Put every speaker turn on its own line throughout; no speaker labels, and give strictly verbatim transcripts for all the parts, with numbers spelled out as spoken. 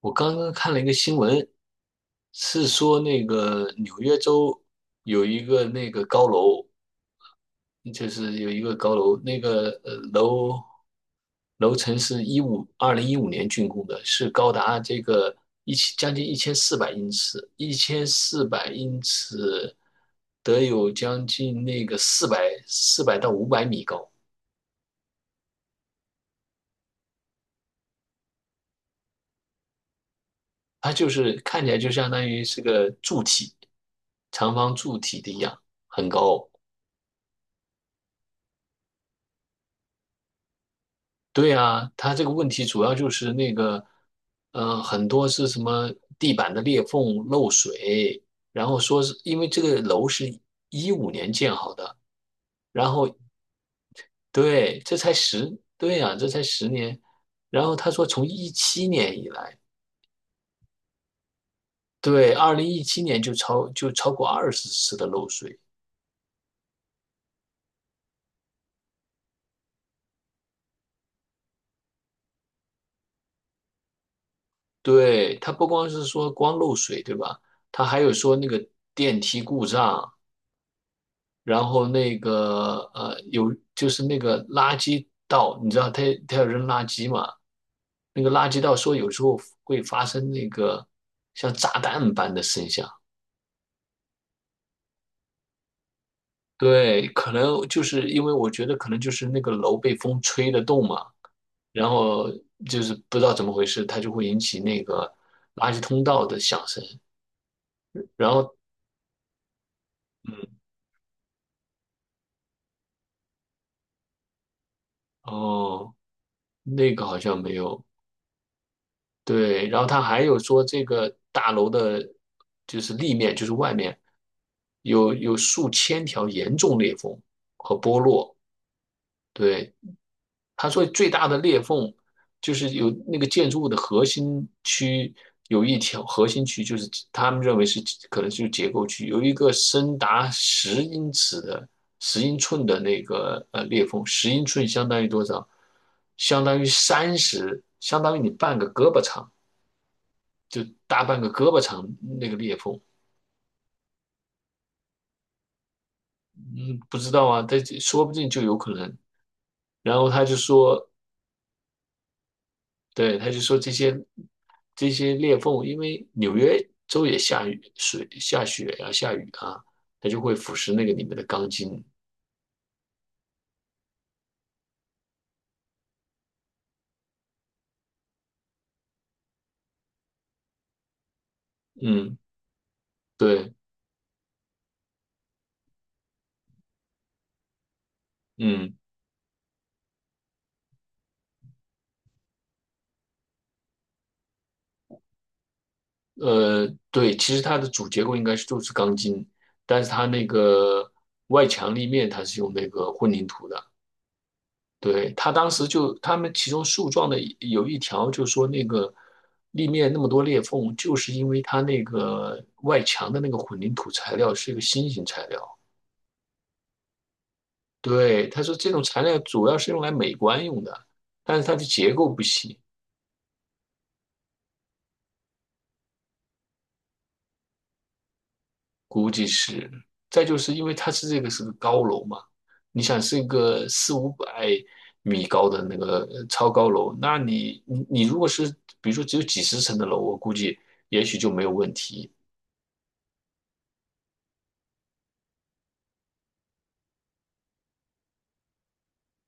我刚刚看了一个新闻，是说那个纽约州有一个那个高楼，就是有一个高楼，那个呃楼楼层是一五二零一五年竣工的，是高达这个一千将近一千四百英尺，一千四百英尺得有将近那个四百四百到五百米高。它就是看起来就相当于是个柱体，长方柱体的一样，很高。对啊，它这个问题主要就是那个，呃，很多是什么地板的裂缝漏水，然后说是因为这个楼是一五年建好的。然后对，这才十，对呀，这才十年。然后他说从一七年以来。对，二零一七年就超就超过二十次的漏水。对，它不光是说光漏水，对吧？它还有说那个电梯故障，然后那个呃有就是那个垃圾道，你知道他他要扔垃圾嘛？那个垃圾道说有时候会发生那个像炸弹般的声响。对，可能就是因为我觉得可能就是那个楼被风吹得动嘛，然后就是不知道怎么回事，它就会引起那个垃圾通道的响声。然后，嗯，哦，那个好像没有。对，然后他还有说这个大楼的，就是立面，就是外面有有数千条严重裂缝和剥落。对，他说最大的裂缝就是有那个建筑物的核心区，有一条核心区，就是他们认为是可能就是结构区，有一个深达十英尺的十英寸的那个呃裂缝。十英寸相当于多少？相当于三十，相当于你半个胳膊长，就大半个胳膊长那个裂缝。嗯，不知道啊，但说不定就有可能。然后他就说，对，他就说这些这些裂缝，因为纽约州也下雨水下雪呀、下雨啊，它就会腐蚀那个里面的钢筋。嗯，对，嗯，呃，对，其实它的主结构应该是就是钢筋，但是它那个外墙立面它是用那个混凝土的。对，他当时就他们其中诉状的有一条，就说那个立面那么多裂缝，就是因为它那个外墙的那个混凝土材料是一个新型材料。对，他说这种材料主要是用来美观用的，但是它的结构不行，估计是。再就是因为它是这个是个高楼嘛，你想是一个四五百米高的那个呃超高楼，那你你你如果是比如说只有几十层的楼，我估计也许就没有问题。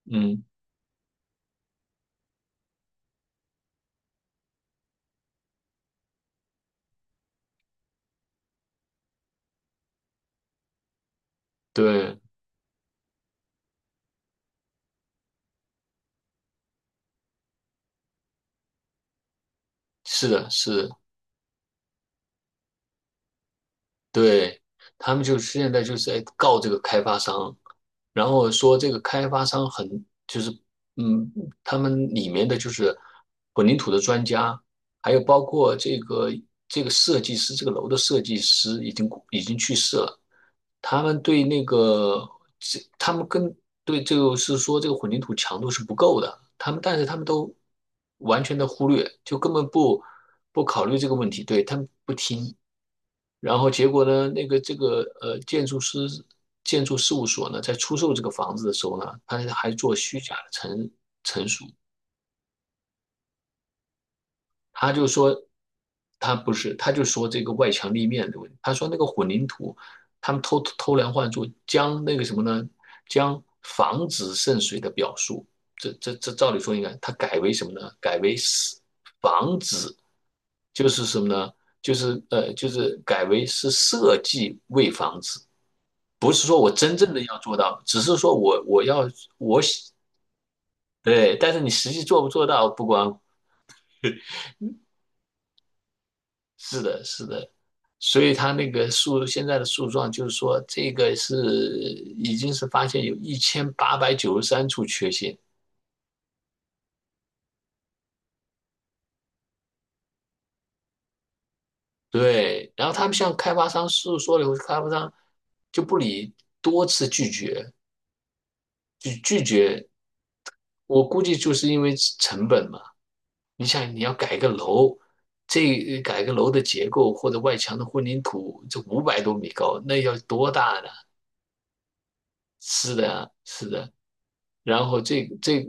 嗯，对，是的，是的。对，他们就是现在就是在告这个开发商，然后说这个开发商很就是，嗯，他们里面的就是混凝土的专家，还有包括这个这个设计师，这个楼的设计师已经已经去世了。他们对那个这，他们跟对这个是说这个混凝土强度是不够的，他们但是他们都完全的忽略，就根本不不考虑这个问题，对，他们不听。然后结果呢，那个这个呃建筑师建筑事务所呢，在出售这个房子的时候呢，他还做虚假的陈陈述。他就说他不是，他就说这个外墙立面的问题。他说那个混凝土，他们偷偷梁换柱，将那个什么呢？将防止渗水的表述，这这这照理说应该，他改为什么呢？改为是防止，就是什么呢？就是呃，就是改为是设计为防止，不是说我真正的要做到，只是说我我要我喜对，但是你实际做不做到不光。是的，是的。所以他那个诉现在的诉状，就是说这个是已经是发现有一千八百九十三处缺陷。对，然后他们向开发商诉说了以后，开发商就不理，多次拒绝，就拒绝。我估计就是因为成本嘛。你想，你要改个楼，这改个楼的结构或者外墙的混凝土，这五百多米高，那要多大呢？是的，是的。然后这这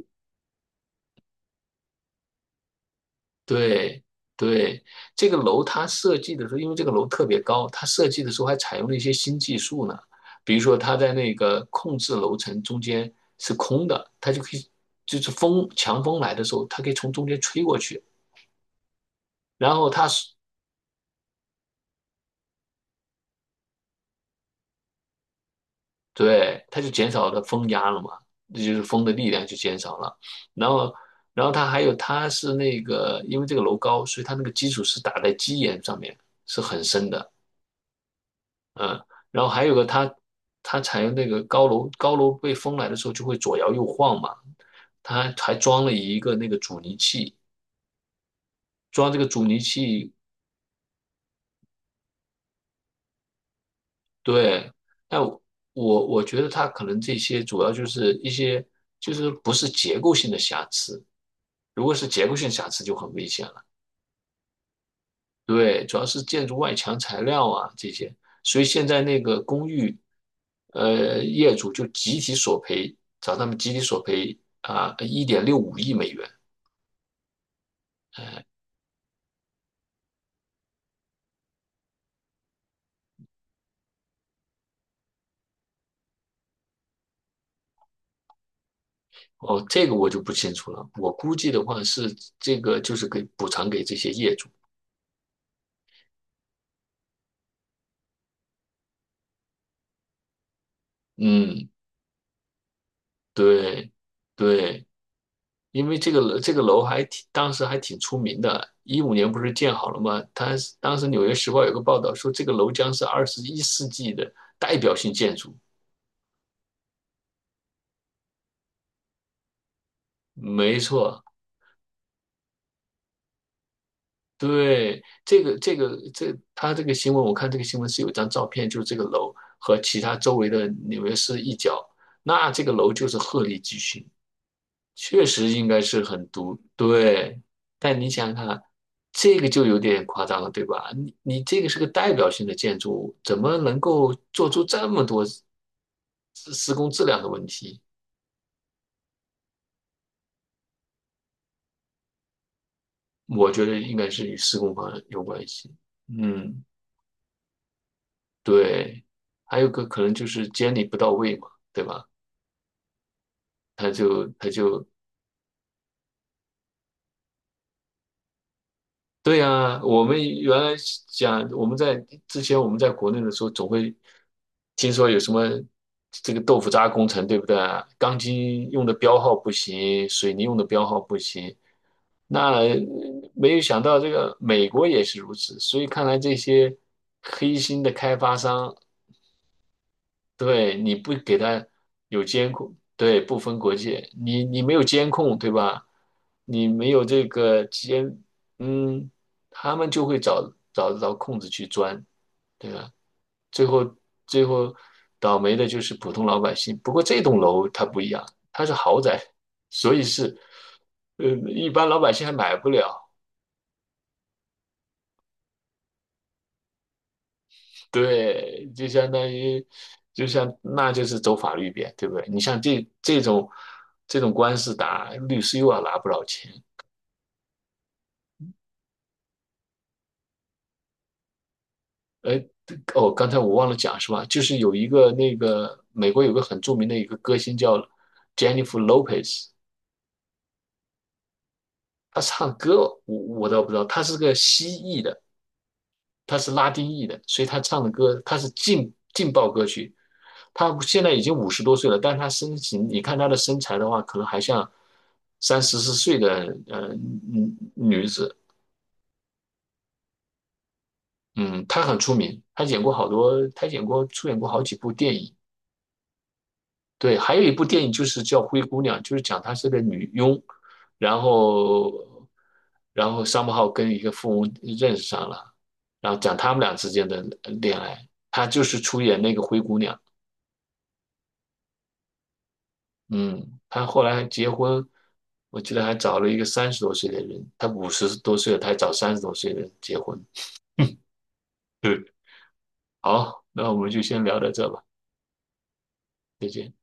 对对，这个楼它设计的时候，因为这个楼特别高，它设计的时候还采用了一些新技术呢。比如说，它在那个控制楼层中间是空的，它就可以，就是风强风来的时候，它可以从中间吹过去，然后它是对，它就减少了风压了嘛，这就是风的力量就减少了。然后，然后它还有，它是那个因为这个楼高，所以它那个基础是打在基岩上面，是很深的。嗯，然后还有个它，它采用那个高楼，高楼被风来的时候就会左摇右晃嘛。它还装了一个那个阻尼器，装这个阻尼器，对。但我我我觉得它可能这些主要就是一些就是不是结构性的瑕疵，如果是结构性瑕疵就很危险了。对，主要是建筑外墙材料啊这些。所以现在那个公寓，呃，业主就集体索赔，找他们集体索赔啊，一点六五亿美元。哎，哦，这个我就不清楚了，我估计的话是这个就是给补偿给这些业主。嗯，对，对，因为这个楼这个楼还挺，当时还挺出名的。一五年不是建好了吗？它当时《纽约时报》有个报道说，这个楼将是二十一世纪的代表性建筑。没错，对，这个这个这，他这个新闻，我看这个新闻是有一张照片，就是这个楼和其他周围的纽约市一角，那这个楼就是鹤立鸡群，确实应该是很独对。但你想想看，这个就有点夸张了，对吧？你你这个是个代表性的建筑物，怎么能够做出这么多施施工质量的问题？我觉得应该是与施工方有关系。嗯。对，还有个可能就是监理不到位嘛，对吧？他就他就对啊，我们原来讲我们在之前我们在国内的时候，总会听说有什么这个豆腐渣工程，对不对啊？钢筋用的标号不行，水泥用的标号不行。那呃没有想到这个美国也是如此，所以看来这些黑心的开发商。对，你不给他有监控，对，不分国界，你你没有监控，对吧？你没有这个监，嗯，他们就会找找得到空子去钻，对吧？最后最后倒霉的就是普通老百姓。不过这栋楼它不一样，它是豪宅，所以是呃，一般老百姓还买不了。对，就相当于，就像那就是走法律边，对不对？你像这这种这种官司打，律师又要拿不少钱。哎，哦，刚才我忘了讲是吧？就是有一个那个美国有个很著名的一个歌星叫 Jennifer Lopez。她唱歌我我倒不知道，她是个蜥蜴的，他是拉丁裔的，所以他唱的歌他是劲劲爆歌曲。他现在已经五十多岁了，但他身形，你看他的身材的话，可能还像三四十四岁的呃嗯女子。嗯，她很出名，她演过好多，她演过出演过好几部电影。对，还有一部电影就是叫《灰姑娘》，就是讲她是个女佣，然后然后商浩跟一个富翁认识上了，然后讲他们俩之间的恋爱。她就是出演那个灰姑娘。嗯，他后来还结婚，我记得还找了一个三十多岁的人，他五十多岁了，他还找三十多岁的人结婚。对，好，那我们就先聊到这吧，再见。